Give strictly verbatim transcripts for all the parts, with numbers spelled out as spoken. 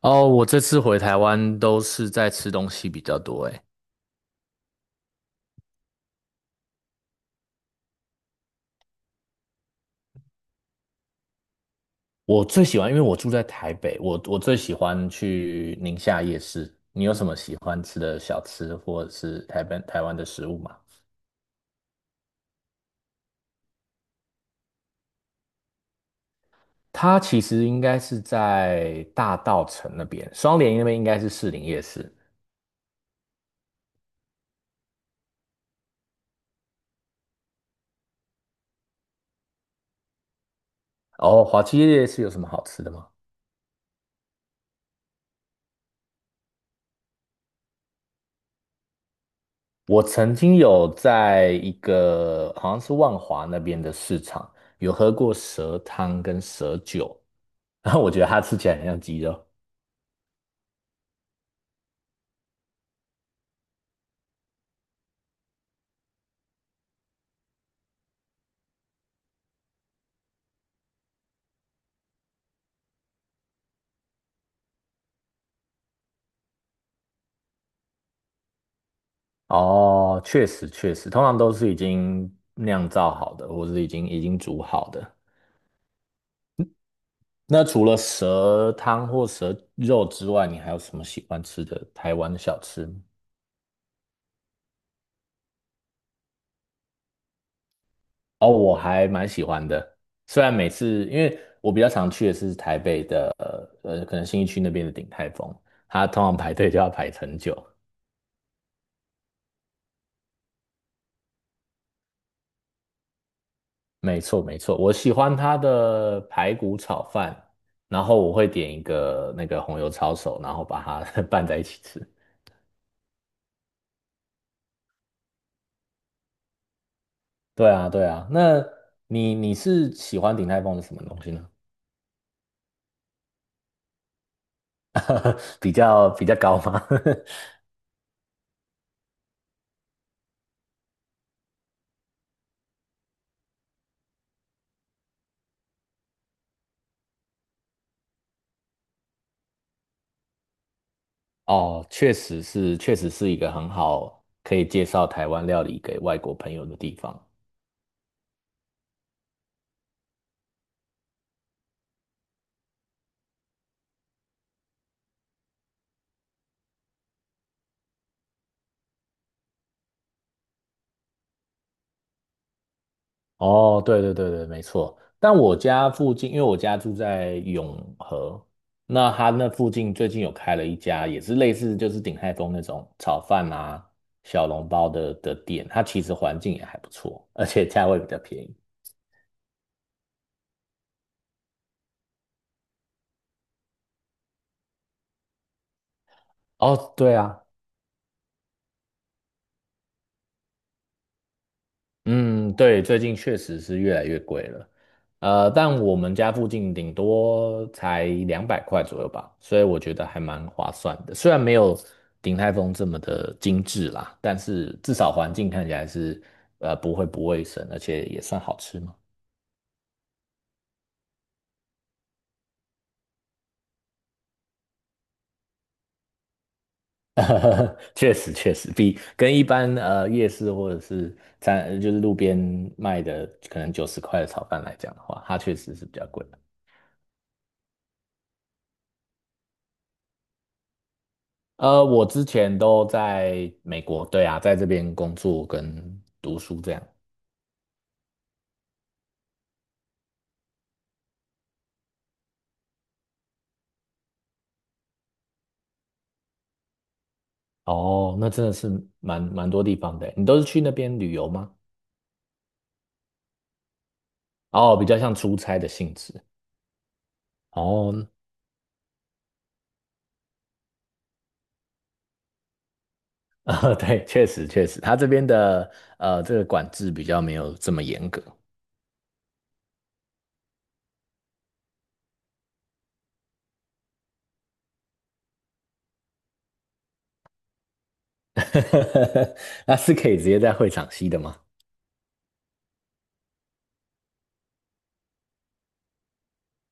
哦，我这次回台湾都是在吃东西比较多，诶。我最喜欢，因为我住在台北，我我最喜欢去宁夏夜市。你有什么喜欢吃的小吃，或者是台北台湾的食物吗？它其实应该是在大稻城那边，双连那边应该是士林夜市。哦，华七夜市有什么好吃的吗？我曾经有在一个好像是万华那边的市场，有喝过蛇汤跟蛇酒，然后我觉得它吃起来很像鸡肉。哦，确实确实，通常都是已经酿造好的，或是已经已经煮好的。那除了蛇汤或蛇肉之外，你还有什么喜欢吃的台湾的小吃吗？哦，我还蛮喜欢的，虽然每次因为我比较常去的是台北的，呃呃可能新义区那边的鼎泰丰，它通常排队就要排很久。没错没错，我喜欢它的排骨炒饭，然后我会点一个那个红油抄手，然后把它 拌在一起吃。对啊，对啊。那你你是喜欢鼎泰丰的什么东西呢？比较比较高吗？哦，确实是，确实是一个很好可以介绍台湾料理给外国朋友的地方。哦，对对对对，没错。但我家附近，因为我家住在永和，那他那附近最近有开了一家，也是类似就是鼎泰丰那种炒饭啊、小笼包的的店，它其实环境也还不错，而且价位比较便宜。哦，对啊，嗯，对，最近确实是越来越贵了，呃，但我们家附近顶多才两百块左右吧，所以我觉得还蛮划算的。虽然没有鼎泰丰这么的精致啦，但是至少环境看起来是呃不会不卫生，而且也算好吃嘛。确实确实，比跟一般呃夜市或者是餐就是路边卖的可能九十块的炒饭来讲的话，它确实是比较贵的。呃，我之前都在美国，对啊，在这边工作跟读书这样。哦，那真的是蛮蛮多地方的欸。你都是去那边旅游吗？哦，比较像出差的性质。哦，呃，对，确实确实，他这边的呃这个管制比较没有这么严格。那是可以直接在会场吸的吗？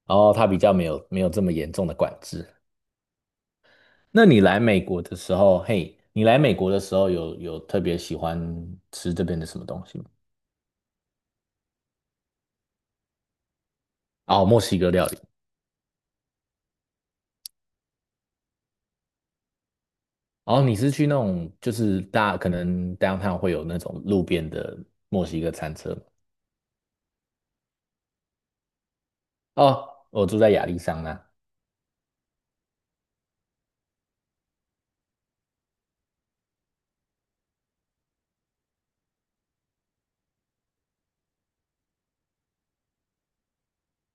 哦，他比较没有没有这么严重的管制。那你来美国的时候，嘿，你来美国的时候有有特别喜欢吃这边的什么东西吗？哦，墨西哥料理。哦，你是去那种就是大可能 downtown 会有那种路边的墨西哥餐车吗？哦，我住在亚利桑那。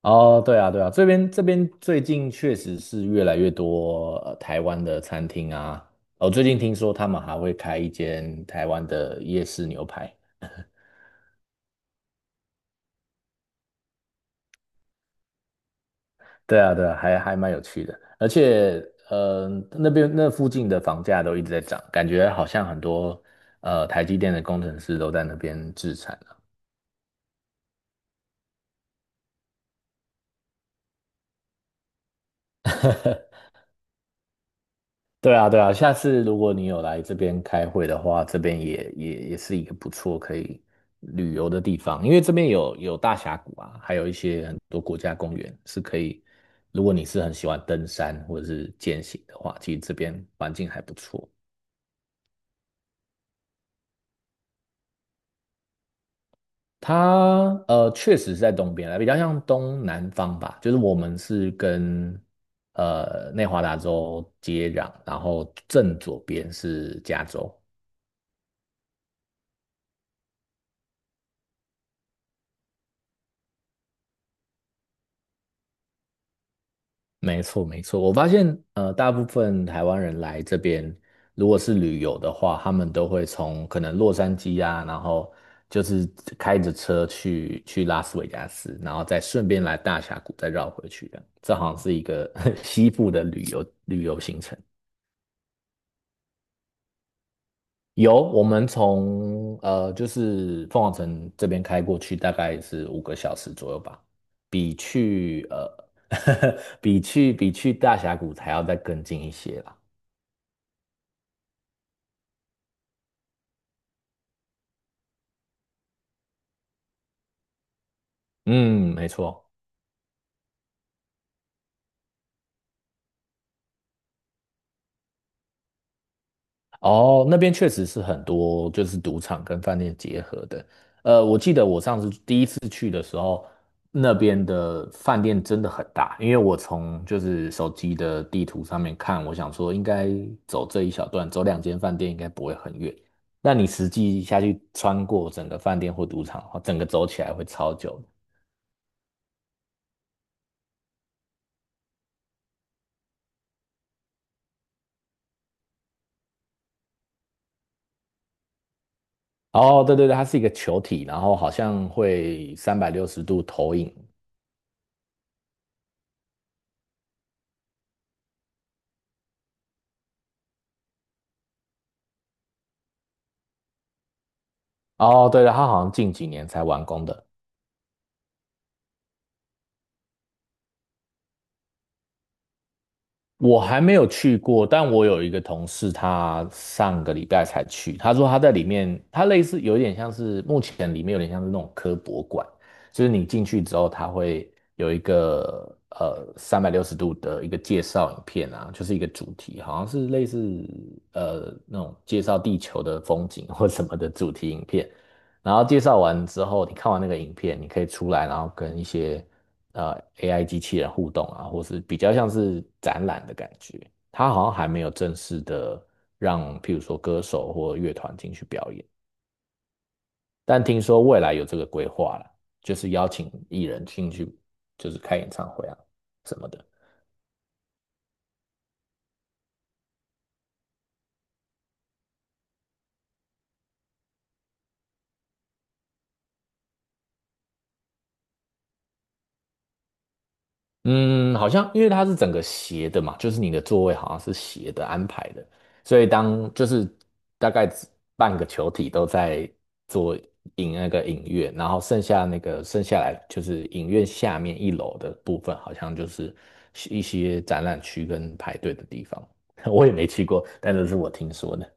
哦，对啊，对啊，这边这边最近确实是越来越多呃台湾的餐厅啊。哦，最近听说他们还会开一间台湾的夜市牛排。对啊，对啊，还还蛮有趣的，而且，呃，那边那附近的房价都一直在涨，感觉好像很多呃台积电的工程师都在那边置产。对啊，对啊，下次如果你有来这边开会的话，这边也也也是一个不错可以旅游的地方，因为这边有有大峡谷啊，还有一些很多国家公园是可以，如果你是很喜欢登山或者是健行的话，其实这边环境还不错。它呃确实是在东边比较像东南方吧，就是我们是跟呃内华达州接壤，然后正左边是加州。没错，没错。我发现，呃，大部分台湾人来这边，如果是旅游的话，他们都会从可能洛杉矶啊，然后就是开着车去去拉斯维加斯，然后再顺便来大峡谷，再绕回去的。这好像是一个 西部的旅游旅游行程。有，我们从呃就是凤凰城这边开过去，大概是五个小时左右吧，比去呃 比去比去大峡谷还要再更近一些啦。嗯，没错。哦，那边确实是很多就是赌场跟饭店结合的。呃，我记得我上次第一次去的时候，那边的饭店真的很大，因为我从就是手机的地图上面看，我想说应该走这一小段，走两间饭店应该不会很远。那你实际下去穿过整个饭店或赌场的话，整个走起来会超久的。哦，对对对，它是一个球体，然后好像会三百六十度投影。哦，对了，它好像近几年才完工的。我还没有去过，但我有一个同事，他上个礼拜才去。他说他在里面，他类似有点像是目前里面有点像是那种科博馆，就是你进去之后，他会有一个呃三百六十度的一个介绍影片啊，就是一个主题，好像是类似呃那种介绍地球的风景或什么的主题影片。然后介绍完之后，你看完那个影片，你可以出来，然后跟一些呃 A I 机器人互动啊，或是比较像是展览的感觉。它好像还没有正式的让，譬如说歌手或乐团进去表演，但听说未来有这个规划了，就是邀请艺人进去，就是开演唱会啊什么的。嗯，好像因为它是整个斜的嘛，就是你的座位好像是斜的安排的，所以当就是大概只半个球体都在做影那个影院，然后剩下那个剩下来就是影院下面一楼的部分，好像就是一些展览区跟排队的地方。我也没去过，但这是我听说的。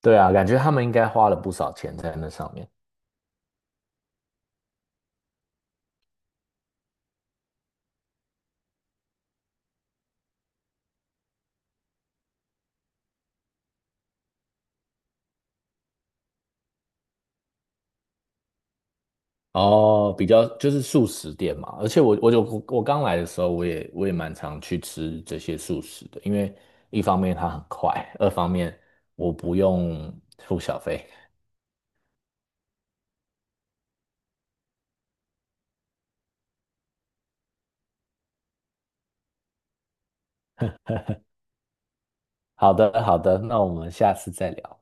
对啊，感觉他们应该花了不少钱在那上面。哦，比较就是素食店嘛，而且我我就我刚来的时候，我也我也蛮常去吃这些素食的，因为一方面它很快，二方面我不用付小费。好的，好的，那我们下次再聊。